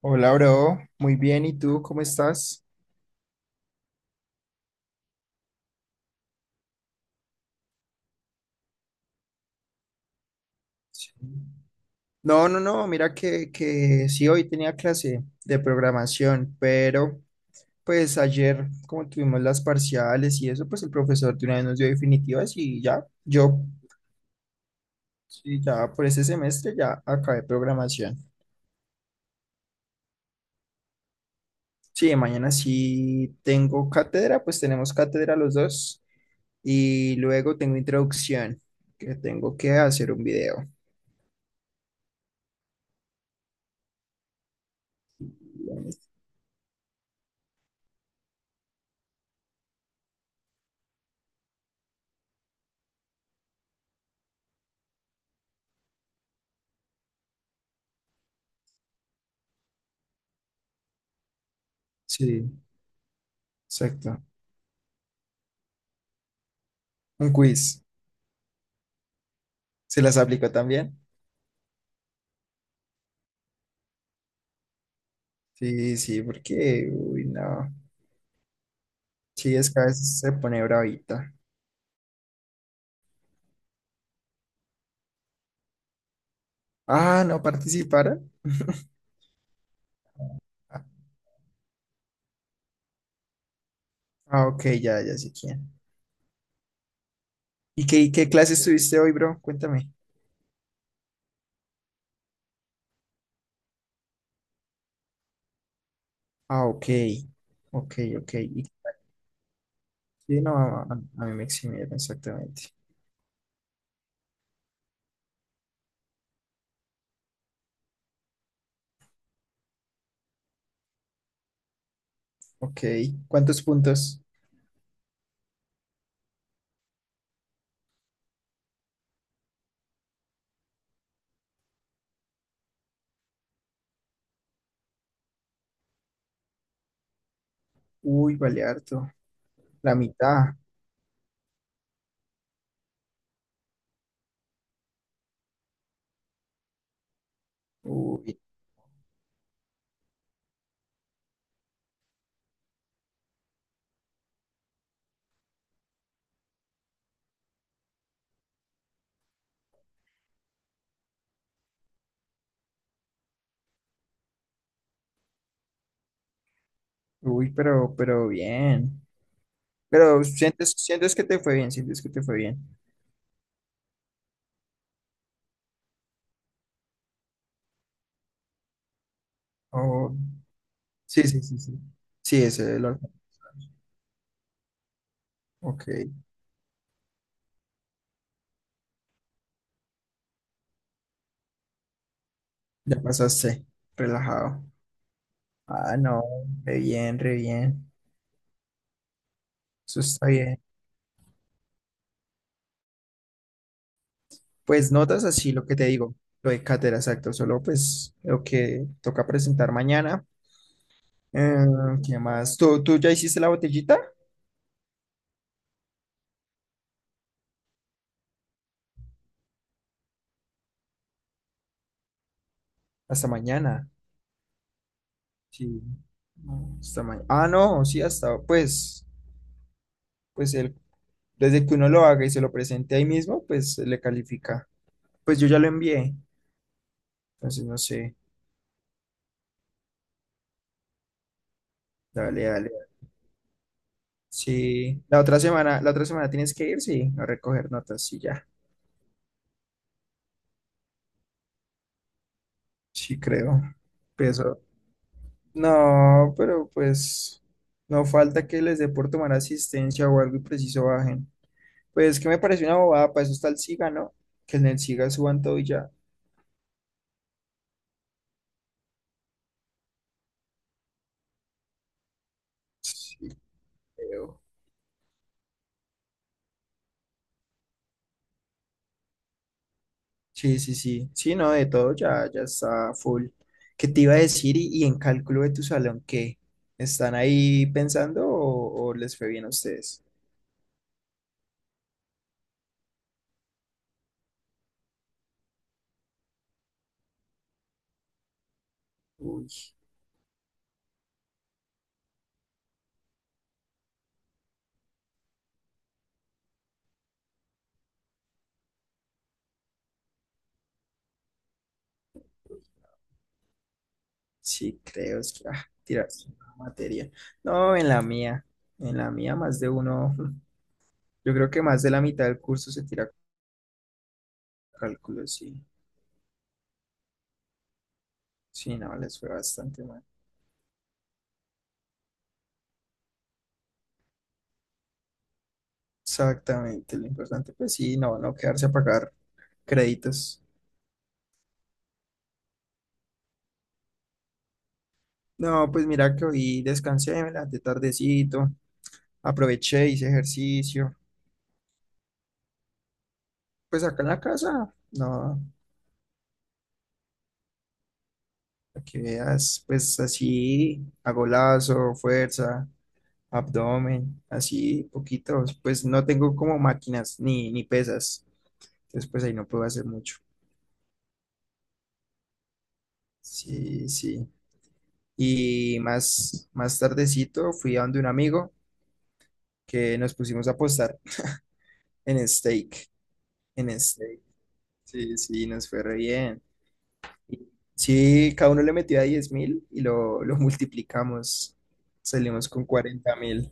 Hola, bro. Muy bien. ¿Y tú cómo estás? Sí. No, no, no. Mira que sí, hoy tenía clase de programación, pero pues ayer, como tuvimos las parciales y eso, pues el profesor de una vez nos dio definitivas y ya, yo, sí, ya por ese semestre ya acabé programación. Sí, mañana sí tengo cátedra, pues tenemos cátedra los dos y luego tengo introducción, que tengo que hacer un video. Sí, exacto. Un quiz. ¿Se las aplicó también? Sí, sí, porque, uy, no. Sí, es que a veces se pone bravita. Ah, ¿no participaron? Ah, ah, ok, ya, ya sé quién. ¿Y qué clase estuviste hoy, bro? Cuéntame. Ah, ok. Ok, ok. Y, sí, no, mí me eximieron exactamente. Ok. ¿Cuántos puntos? Uy, vale harto. La mitad. Uy, uy, pero bien. Pero sientes que te fue bien, sientes que te fue bien. Oh. Sí, sí, sí, sí. Sí, ese es el orden. Ok, ya pasaste. Relajado. Ah, no, re bien, re bien. Eso está bien. Pues notas así lo que te digo, lo de cátedra, exacto. Solo pues lo que toca presentar mañana. Eh, ¿Qué más? ¿Tú ya hiciste la botellita? Hasta mañana. Sí. No, hasta mañana. Ah, no, sí, hasta pues, pues el, desde que uno lo haga y se lo presente ahí mismo, pues le califica. Pues yo ya lo envié. Entonces no sé. Dale, dale. Sí, la otra semana tienes que ir, sí, a recoger notas y ya. Sí, creo. Peso. No, pero pues no falta que les dé por tomar asistencia o algo y preciso bajen. Pues que me parece una bobada, para eso está el SIGA, ¿no? Que en el SIGA suban todo y ya. Sí, creo. Sí, sí, sí. Sí, no, de todo ya, ya está full. ¿Qué te iba a decir? Y en cálculo de tu salón, ¿qué? ¿Están ahí pensando o les fue bien a ustedes? Uy. Sí, creo, es que tirarse una materia. No, en la mía más de uno, yo creo que más de la mitad del curso se tira cálculo, sí. Sí, no, les fue bastante mal. Exactamente, lo importante, pues sí, no, no quedarse a pagar créditos. No, pues mira que hoy descansé, me levanté tardecito, aproveché, hice ejercicio. Pues acá en la casa, no, para que veas, pues así, hago lazo, fuerza, abdomen, así poquitos, pues no tengo como máquinas ni pesas, entonces pues ahí no puedo hacer mucho. Sí, sí. Y más tardecito fui a donde un amigo que nos pusimos a apostar en steak, en steak. Sí, sí, nos fue re bien. Y sí, cada uno le metió a 10 mil y lo multiplicamos, salimos con 40.000.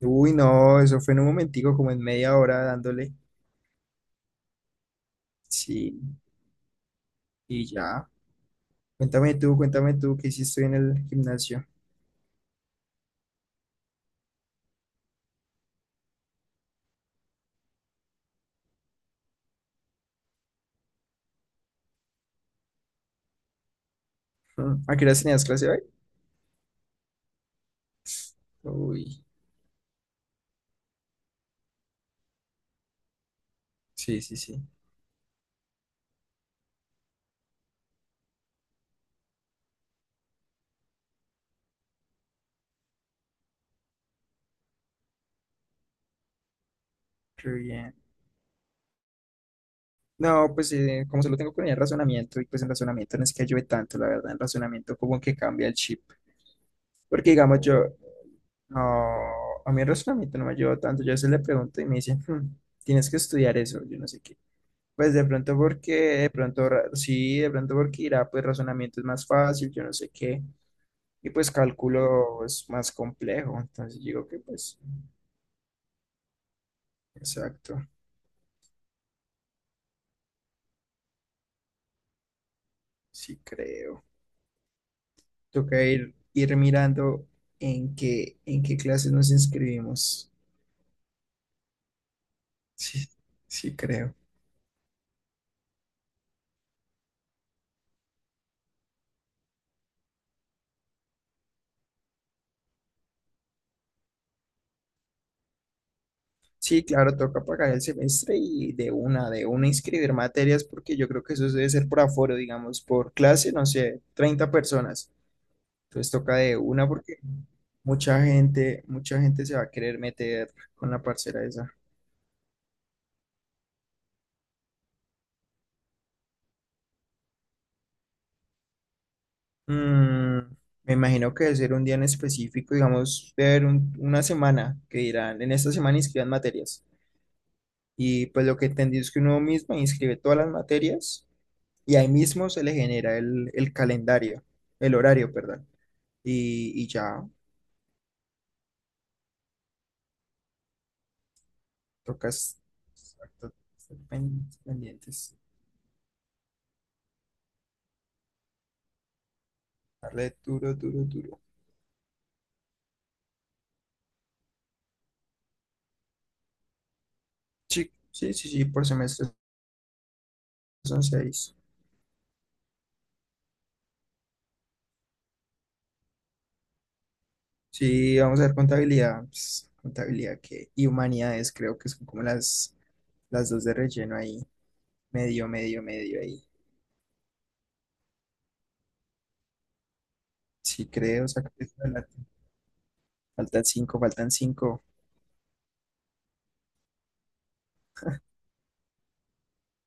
Uy, no, eso fue en un momentico, como en media hora dándole. Sí, y ya. Cuéntame tú, ¿qué hiciste hoy en el gimnasio? ¿A qué horas tenías clase hoy? Uy, sí, sí, sí, qué bien. No, pues como solo tengo con el razonamiento, y pues el razonamiento no es que ayude tanto, la verdad, el razonamiento como que cambia el chip. Porque digamos yo, no, a mí el razonamiento no me ayuda tanto, yo a veces le pregunto y me dicen, "Hmm, tienes que estudiar eso, yo no sé qué." Pues de pronto porque, sí, de pronto porque irá, pues razonamiento es más fácil, yo no sé qué. Y pues cálculo es más complejo, entonces digo que pues, exacto, sí creo. Toca ir mirando en qué clases nos inscribimos. Sí, sí creo. Sí, claro, toca pagar el semestre y de una inscribir materias, porque yo creo que eso debe ser por aforo, digamos, por clase, no sé, 30 personas. Entonces toca de una porque mucha gente se va a querer meter con la parcera esa. Mm, me imagino que debe ser un día en específico, digamos, debe haber una semana que dirán, en esta semana inscriban materias. Y pues lo que entendí es que uno mismo inscribe todas las materias y ahí mismo se le genera el calendario, el horario, perdón. Y ya tocas exacto, estar pendientes, darle duro, duro, duro. Sí, sí, sí, sí, por semestre son seis. Sí, vamos a ver contabilidad, pues, contabilidad que, y humanidades creo que son como las dos de relleno ahí. Medio, medio, medio ahí. Sí, creo, saca eso adelante. Faltan cinco, faltan cinco.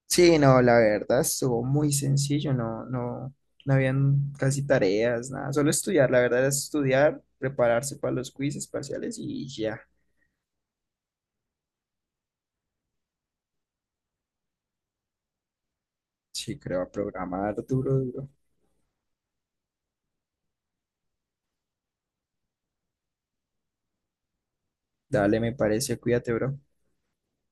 Sí, no, la verdad estuvo muy sencillo, no, no, no habían casi tareas, nada, solo estudiar, la verdad era estudiar, prepararse para los quizzes parciales y ya. Sí, creo, a programar duro, duro. Dale, me parece, cuídate, bro.